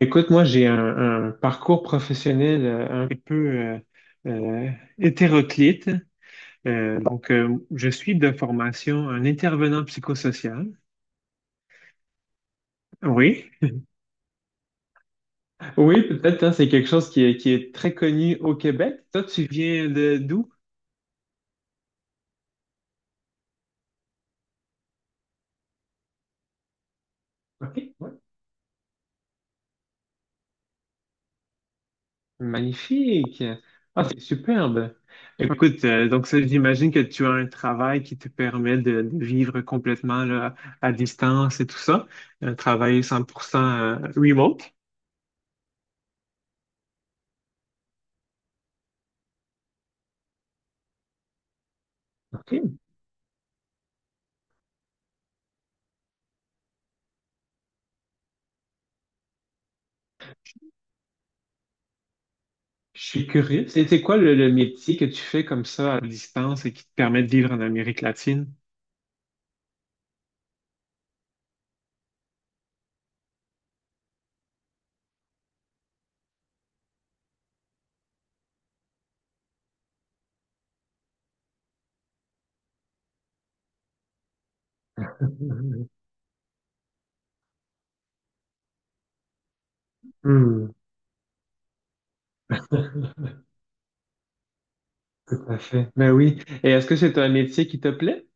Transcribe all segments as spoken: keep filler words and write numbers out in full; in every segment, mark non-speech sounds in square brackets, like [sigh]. Écoute, moi, j'ai un, un parcours professionnel euh, un peu euh, euh, hétéroclite. Euh, donc, euh, je suis de formation un intervenant psychosocial. Oui, oui, peut-être, hein, c'est quelque chose qui est, qui est très connu au Québec. Toi, tu viens de d'où? OK, ouais. Magnifique. Ah, c'est superbe. Écoute, euh, donc ça, j'imagine que tu as un travail qui te permet de, de vivre complètement là, à distance et tout ça. Un travail cent pour cent remote. OK. Je suis curieux. C'est c'est quoi le, le métier que tu fais comme ça à distance et qui te permet de vivre en Amérique latine? Hmm, [laughs] tout à fait. Ben oui. Et est-ce que c'est un métier qui te plaît?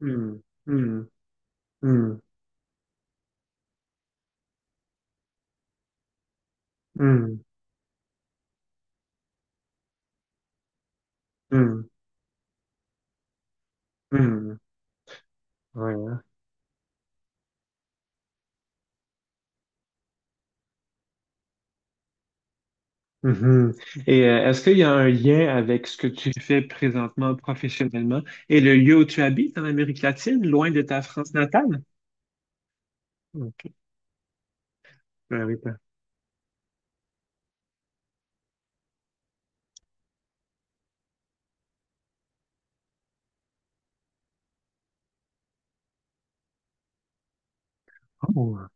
Hmm, hmm, hmm, hmm, hmm, hmm. Ouais. Mhm. Et euh, est-ce qu'il y a un lien avec ce que tu fais présentement professionnellement et le lieu où tu habites en Amérique latine, loin de ta France natale? OK. Ben oui, ben- oh.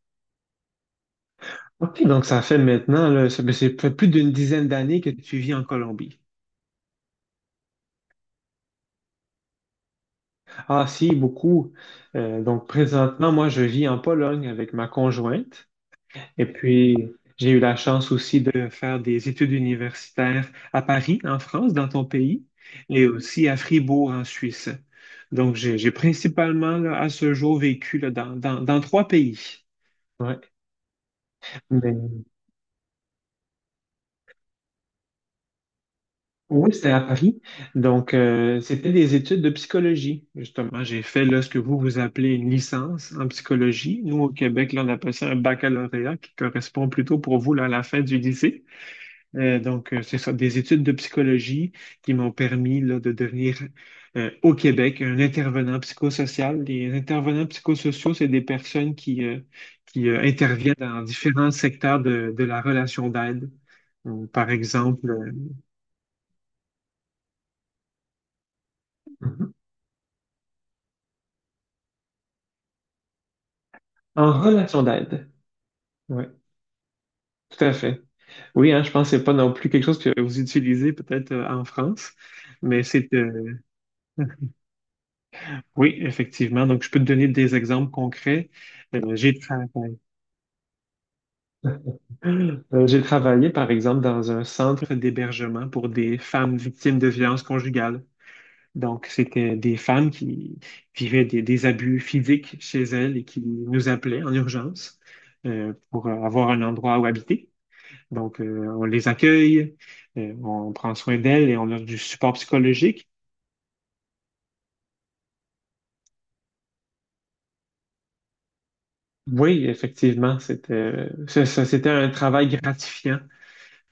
OK, donc ça fait maintenant, là, ça, ben, c'est fait plus d'une dizaine d'années que tu vis en Colombie. Ah si, beaucoup. Euh, donc présentement, moi, je vis en Pologne avec ma conjointe. Et puis, j'ai eu la chance aussi de faire des études universitaires à Paris, en France, dans ton pays, et aussi à Fribourg, en Suisse. Donc, j'ai j'ai principalement, là, à ce jour, vécu là, dans, dans, dans trois pays. Ouais. Mais- oui, c'était à Paris. Donc, euh, c'était des études de psychologie, justement. J'ai fait là, ce que vous, vous appelez une licence en psychologie. Nous, au Québec, là, on appelle ça un baccalauréat qui correspond plutôt pour vous là, à la fin du lycée. Euh, donc, euh, c'est ça, des études de psychologie qui m'ont permis là, de devenir euh, au Québec un intervenant psychosocial. Les intervenants psychosociaux, c'est des personnes qui, euh, qui euh, interviennent dans différents secteurs de, de la relation d'aide. Donc, par exemple, euh, Mhm. En relation d'aide. Oui, tout à fait. Oui, hein, je pense que c'est pas non plus quelque chose que vous utilisez peut-être euh, en France, mais c'est euh, oui, effectivement. Donc, je peux te donner des exemples concrets. Euh, j'ai travaillé. Euh, j'ai travaillé, par exemple, dans un centre d'hébergement pour des femmes victimes de violences conjugales. Donc, c'était des femmes qui vivaient des, des abus physiques chez elles et qui nous appelaient en urgence euh, pour avoir un endroit où habiter. Donc, euh, on les accueille, euh, on prend soin d'elles et on leur du support psychologique. Oui, effectivement, c'était euh, ça- ça- c'était un travail gratifiant.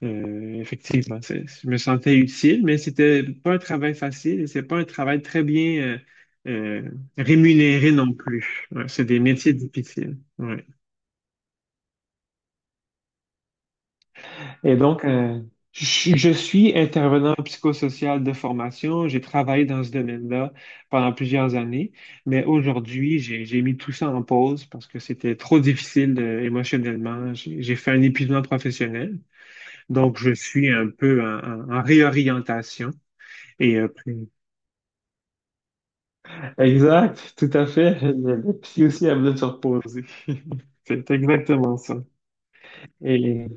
Euh, effectivement, c'est- je me sentais utile, mais c'était pas un travail facile et c'est pas un travail très bien euh, euh, rémunéré non plus. Ouais, c'est des métiers difficiles. Ouais. Et donc, euh, je, je suis intervenant psychosocial de formation. J'ai travaillé dans ce domaine-là pendant plusieurs années, mais aujourd'hui, j'ai, j'ai mis tout ça en pause parce que c'était trop difficile euh, émotionnellement. J'ai j'ai fait un épuisement professionnel, donc je suis un peu en en- en réorientation. Et euh, Exact, tout à fait. Le, le psy aussi a besoin de se reposer. [laughs] C'est exactement ça. Et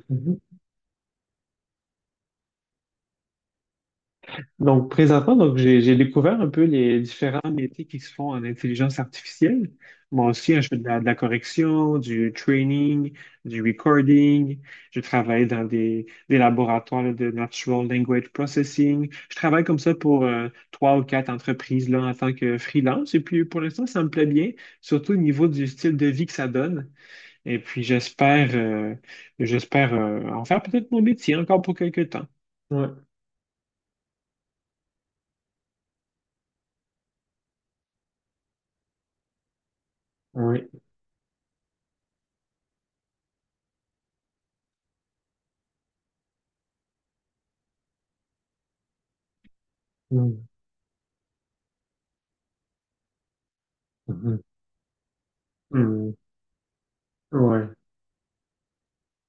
donc, présentement, donc, j'ai, j'ai découvert un peu les différents métiers qui se font en intelligence artificielle. Moi aussi, hein, je fais de la, de la correction, du training, du recording. Je travaille dans des, des laboratoires là, de natural language processing. Je travaille comme ça pour euh, trois ou quatre entreprises là, en tant que freelance. Et puis, pour l'instant, ça me plaît bien, surtout au niveau du style de vie que ça donne. Et puis j'espère euh, j'espère euh, en faire peut-être mon métier encore pour quelques temps. Ouais, ouais. Mm, mhm, mm, ouais.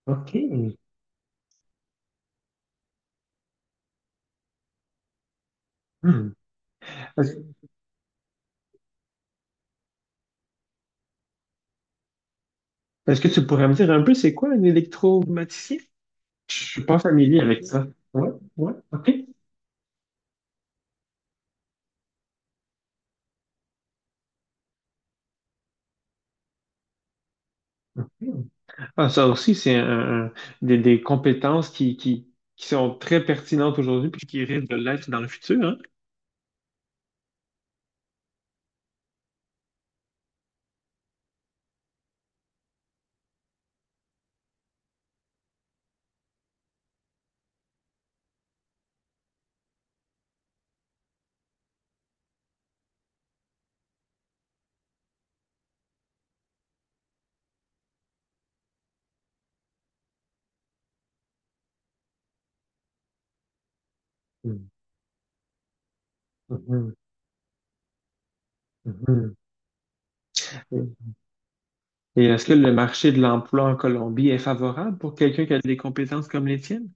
OK. Mm. Est-ce est-ce que tu pourrais me dire un peu c'est quoi un électromaticien? Je suis pas familier avec ça. Ouais, ouais, OK. ok. Ah, ça aussi, c'est un- un- des, des compétences qui, qui, qui sont très pertinentes aujourd'hui puis qui risquent de l'être dans le futur, hein? Mm, mhm, mhm. Et est-ce que le marché de l'emploi en Colombie est favorable pour quelqu'un qui a des compétences comme les tiennes?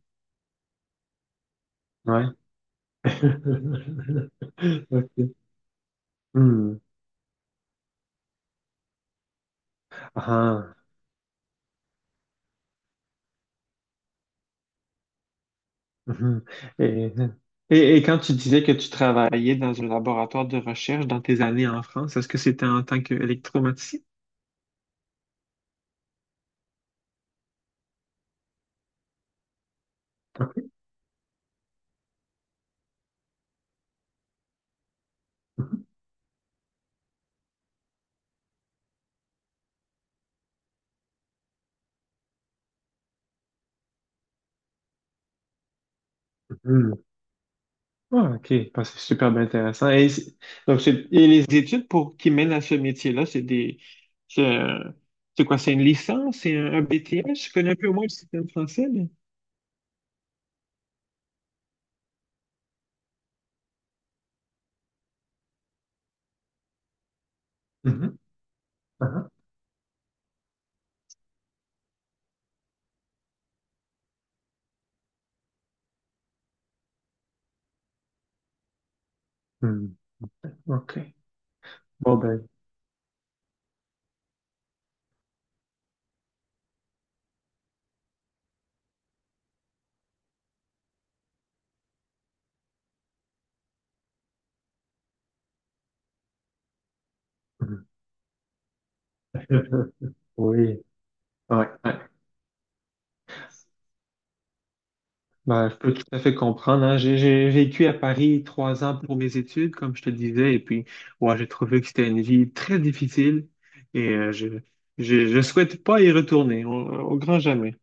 Ouais. [laughs] Ok. Hmm. Ah. Mhm. Et, et, et quand tu disais que tu travaillais dans un laboratoire de recherche dans tes années en France, est-ce que c'était en tant qu'électromaticien? Ah, ok, Bah, c'est super bien intéressant. Et, c'est- donc c'est- et les études pour qui mènent à ce métier-là, c'est des, c'est un- c'est quoi, c'est une licence, c'est un, un B T S? Je connais un peu au moins le système français, mais. Mhm. Aha. Hmm. OK. Bon, ben. Mhm. [laughs] Oui. Ouais, ouais. Ben, je peux tout à fait comprendre, hein. J'ai j'ai vécu à Paris trois ans pour mes études, comme je te disais, et puis ouais, j'ai trouvé que c'était une vie très difficile et euh, je, je je souhaite pas y retourner au, au grand jamais.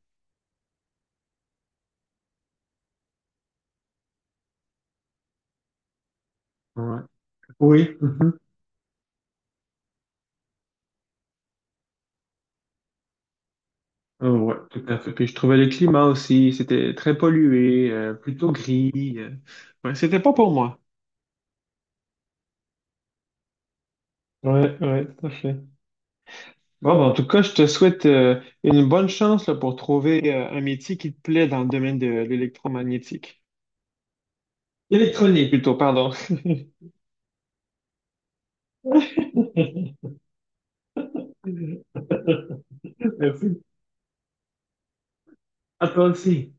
Oui, mhm. Euh, ouais, tout à fait. Puis je trouvais le climat aussi, c'était très pollué, euh, plutôt gris. euh. Ouais, c'était pas pour moi. Ouais, ouais, tout à fait. Bon, ben, en tout cas, je te souhaite euh, une bonne chance là, pour trouver euh, un métier qui te plaît dans le domaine de l'électromagnétique. Électronique, plutôt, pardon. [laughs] Merci. À toi aussi.